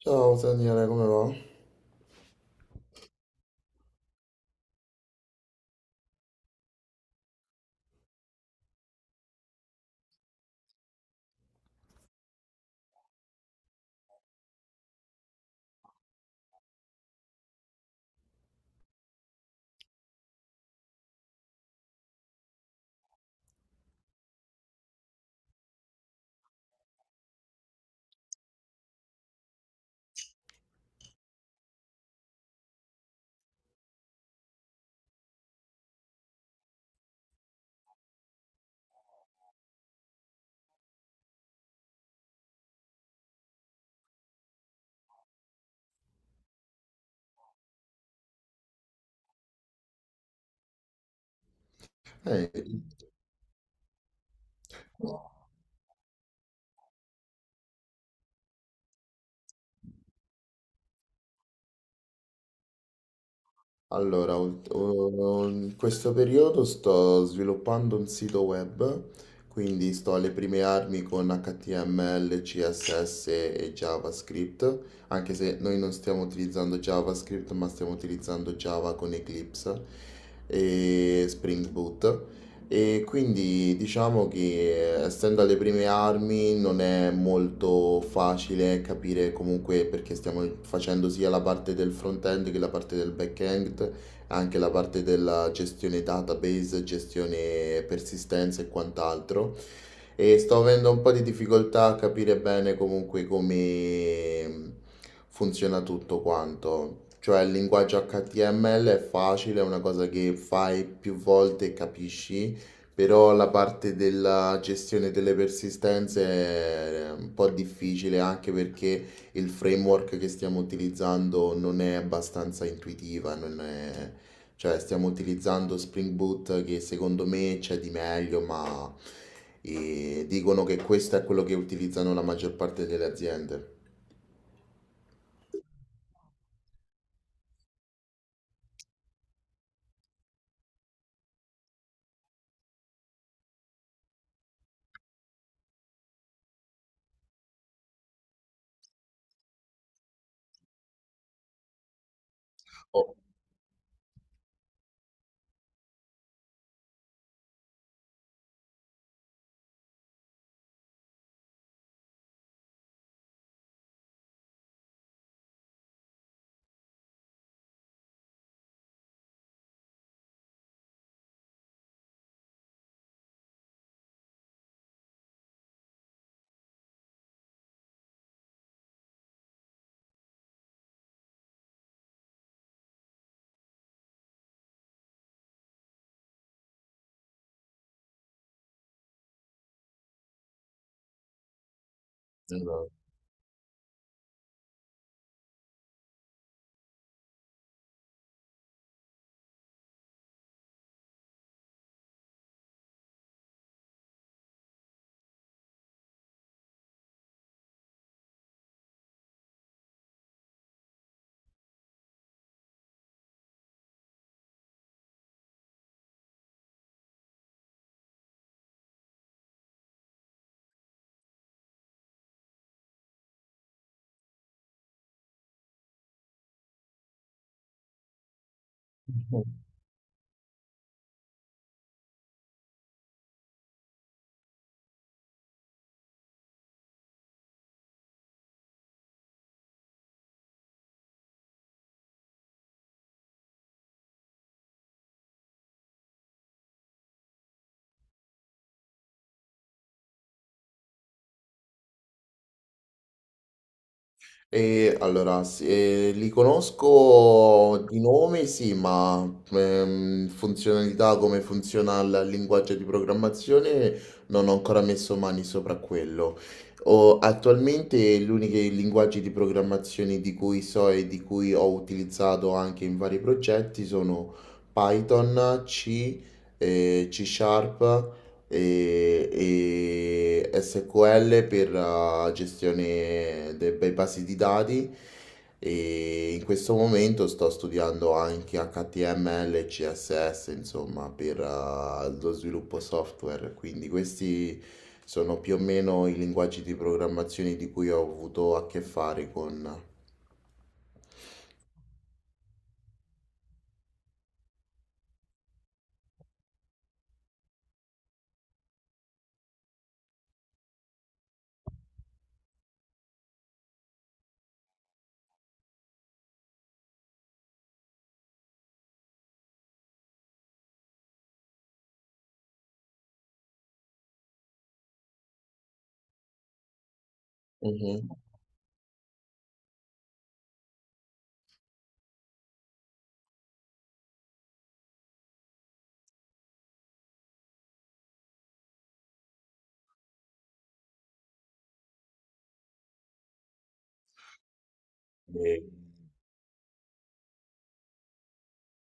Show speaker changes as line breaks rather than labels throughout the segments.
Ciao Daniele, come va? Ehi, allora, in questo periodo sto sviluppando un sito web, quindi sto alle prime armi con HTML, CSS e JavaScript, anche se noi non stiamo utilizzando JavaScript, ma stiamo utilizzando Java con Eclipse e Spring Boot. E quindi diciamo che essendo alle prime armi non è molto facile capire comunque perché stiamo facendo sia la parte del front-end che la parte del back-end, anche la parte della gestione database, gestione persistenza e quant'altro. E sto avendo un po' di difficoltà a capire bene comunque come funziona tutto quanto. Cioè il linguaggio HTML è facile, è una cosa che fai più volte e capisci. Però la parte della gestione delle persistenze è un po' difficile anche perché il framework che stiamo utilizzando non è abbastanza intuitiva, non è- cioè stiamo utilizzando Spring Boot che secondo me c'è di meglio, ma dicono che questo è quello che utilizzano la maggior parte delle aziende. Oh, esatto. E allora, sì, li conosco di nome, sì, ma funzionalità, come funziona il linguaggio di programmazione, non ho ancora messo mani sopra quello. Attualmente gli unici linguaggi di programmazione di cui so e di cui ho utilizzato anche in vari progetti sono Python, C, C Sharp e, e SQL per gestione dei basi di dati e in questo momento sto studiando anche HTML e CSS, insomma, per lo sviluppo software, quindi questi sono più o meno i linguaggi di programmazione di cui ho avuto a che fare con. Mhm.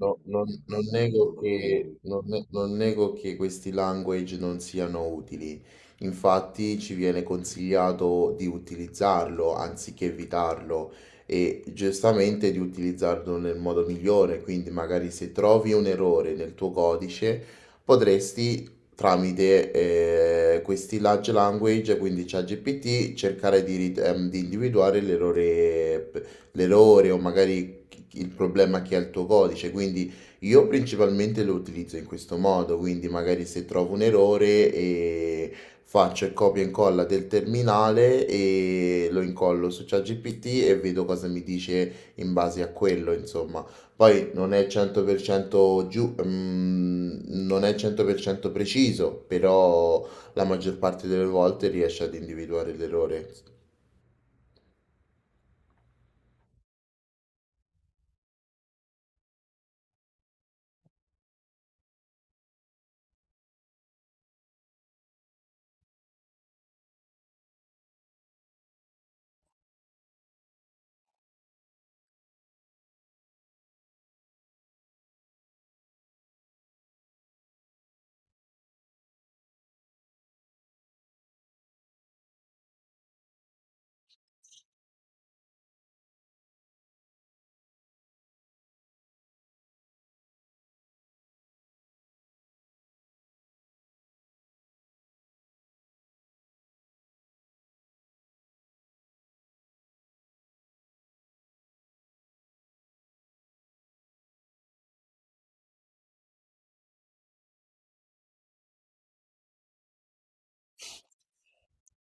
No, non nego che questi language non siano utili, infatti ci viene consigliato di utilizzarlo anziché evitarlo e giustamente di utilizzarlo nel modo migliore, quindi magari se trovi un errore nel tuo codice potresti tramite questi large language, quindi ChatGPT, cercare di individuare l'errore, l'errore o magari il problema che ha il tuo codice, quindi io principalmente lo utilizzo in questo modo, quindi magari se trovo un errore e faccio il copia e incolla del terminale e lo incollo su ChatGPT e vedo cosa mi dice in base a quello, insomma. Poi non è 100% giù, non è 100% preciso, però la maggior parte delle volte riesce ad individuare l'errore.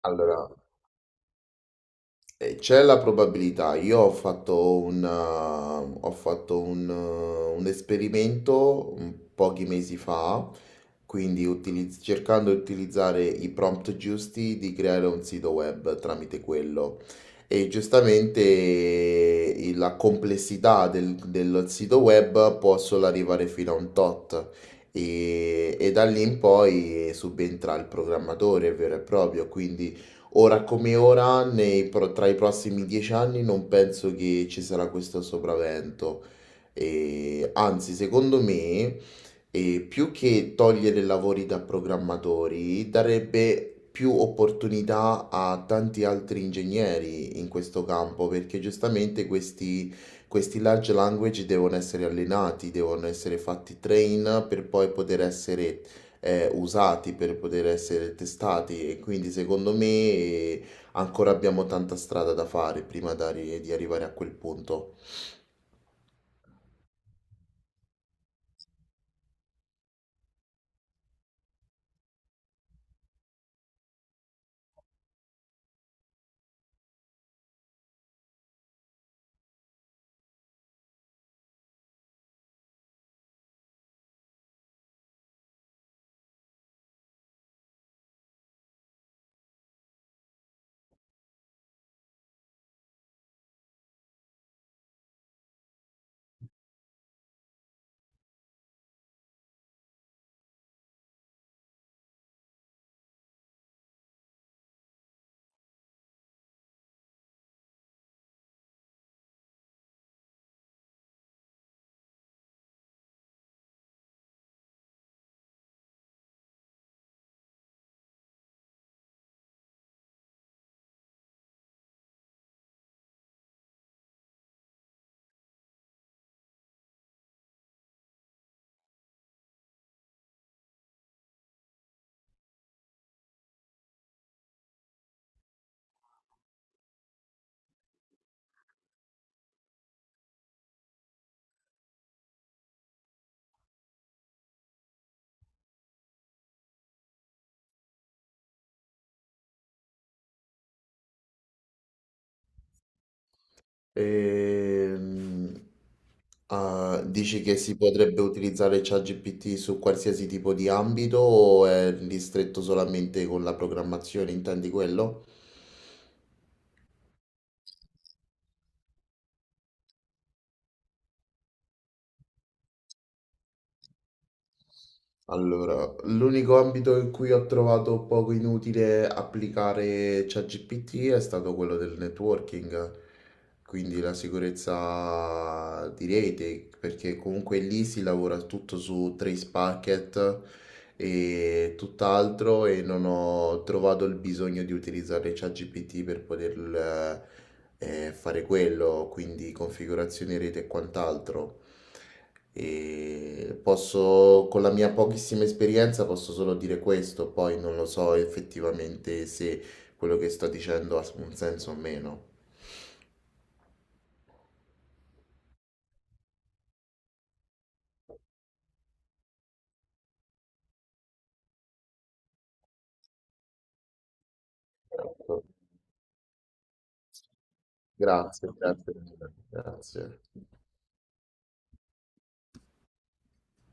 Allora, c'è la probabilità, io ho fatto un esperimento, pochi mesi fa, quindi cercando di utilizzare i prompt giusti di creare un sito web tramite quello. E giustamente la complessità del sito web può solo arrivare fino a un tot. E da lì in poi subentra il programmatore vero e proprio, quindi ora come ora, tra i prossimi 10 anni non penso che ci sarà questo sopravvento. E, anzi, secondo me, più che togliere lavori da programmatori, darebbe più opportunità a tanti altri ingegneri in questo campo, perché giustamente questi large language devono essere allenati, devono essere fatti train per poi poter essere usati per poter essere testati e quindi secondo me ancora abbiamo tanta strada da fare prima di arrivare a quel punto. Ehm, ah, dici che si potrebbe utilizzare ChatGPT su qualsiasi tipo di ambito o è ristretto solamente con la programmazione? Intendi quello? Allora, l'unico ambito in cui ho trovato poco inutile applicare ChatGPT è stato quello del networking, quindi la sicurezza di rete, perché comunque lì si lavora tutto su trace packet e tutt'altro e non ho trovato il bisogno di utilizzare ChatGPT per poter fare quello, quindi configurazioni rete e quant'altro. E posso, con la mia pochissima esperienza, posso solo dire questo, poi non lo so effettivamente se quello che sto dicendo ha un senso o meno. Ecco. Grazie, grazie, mille, grazie.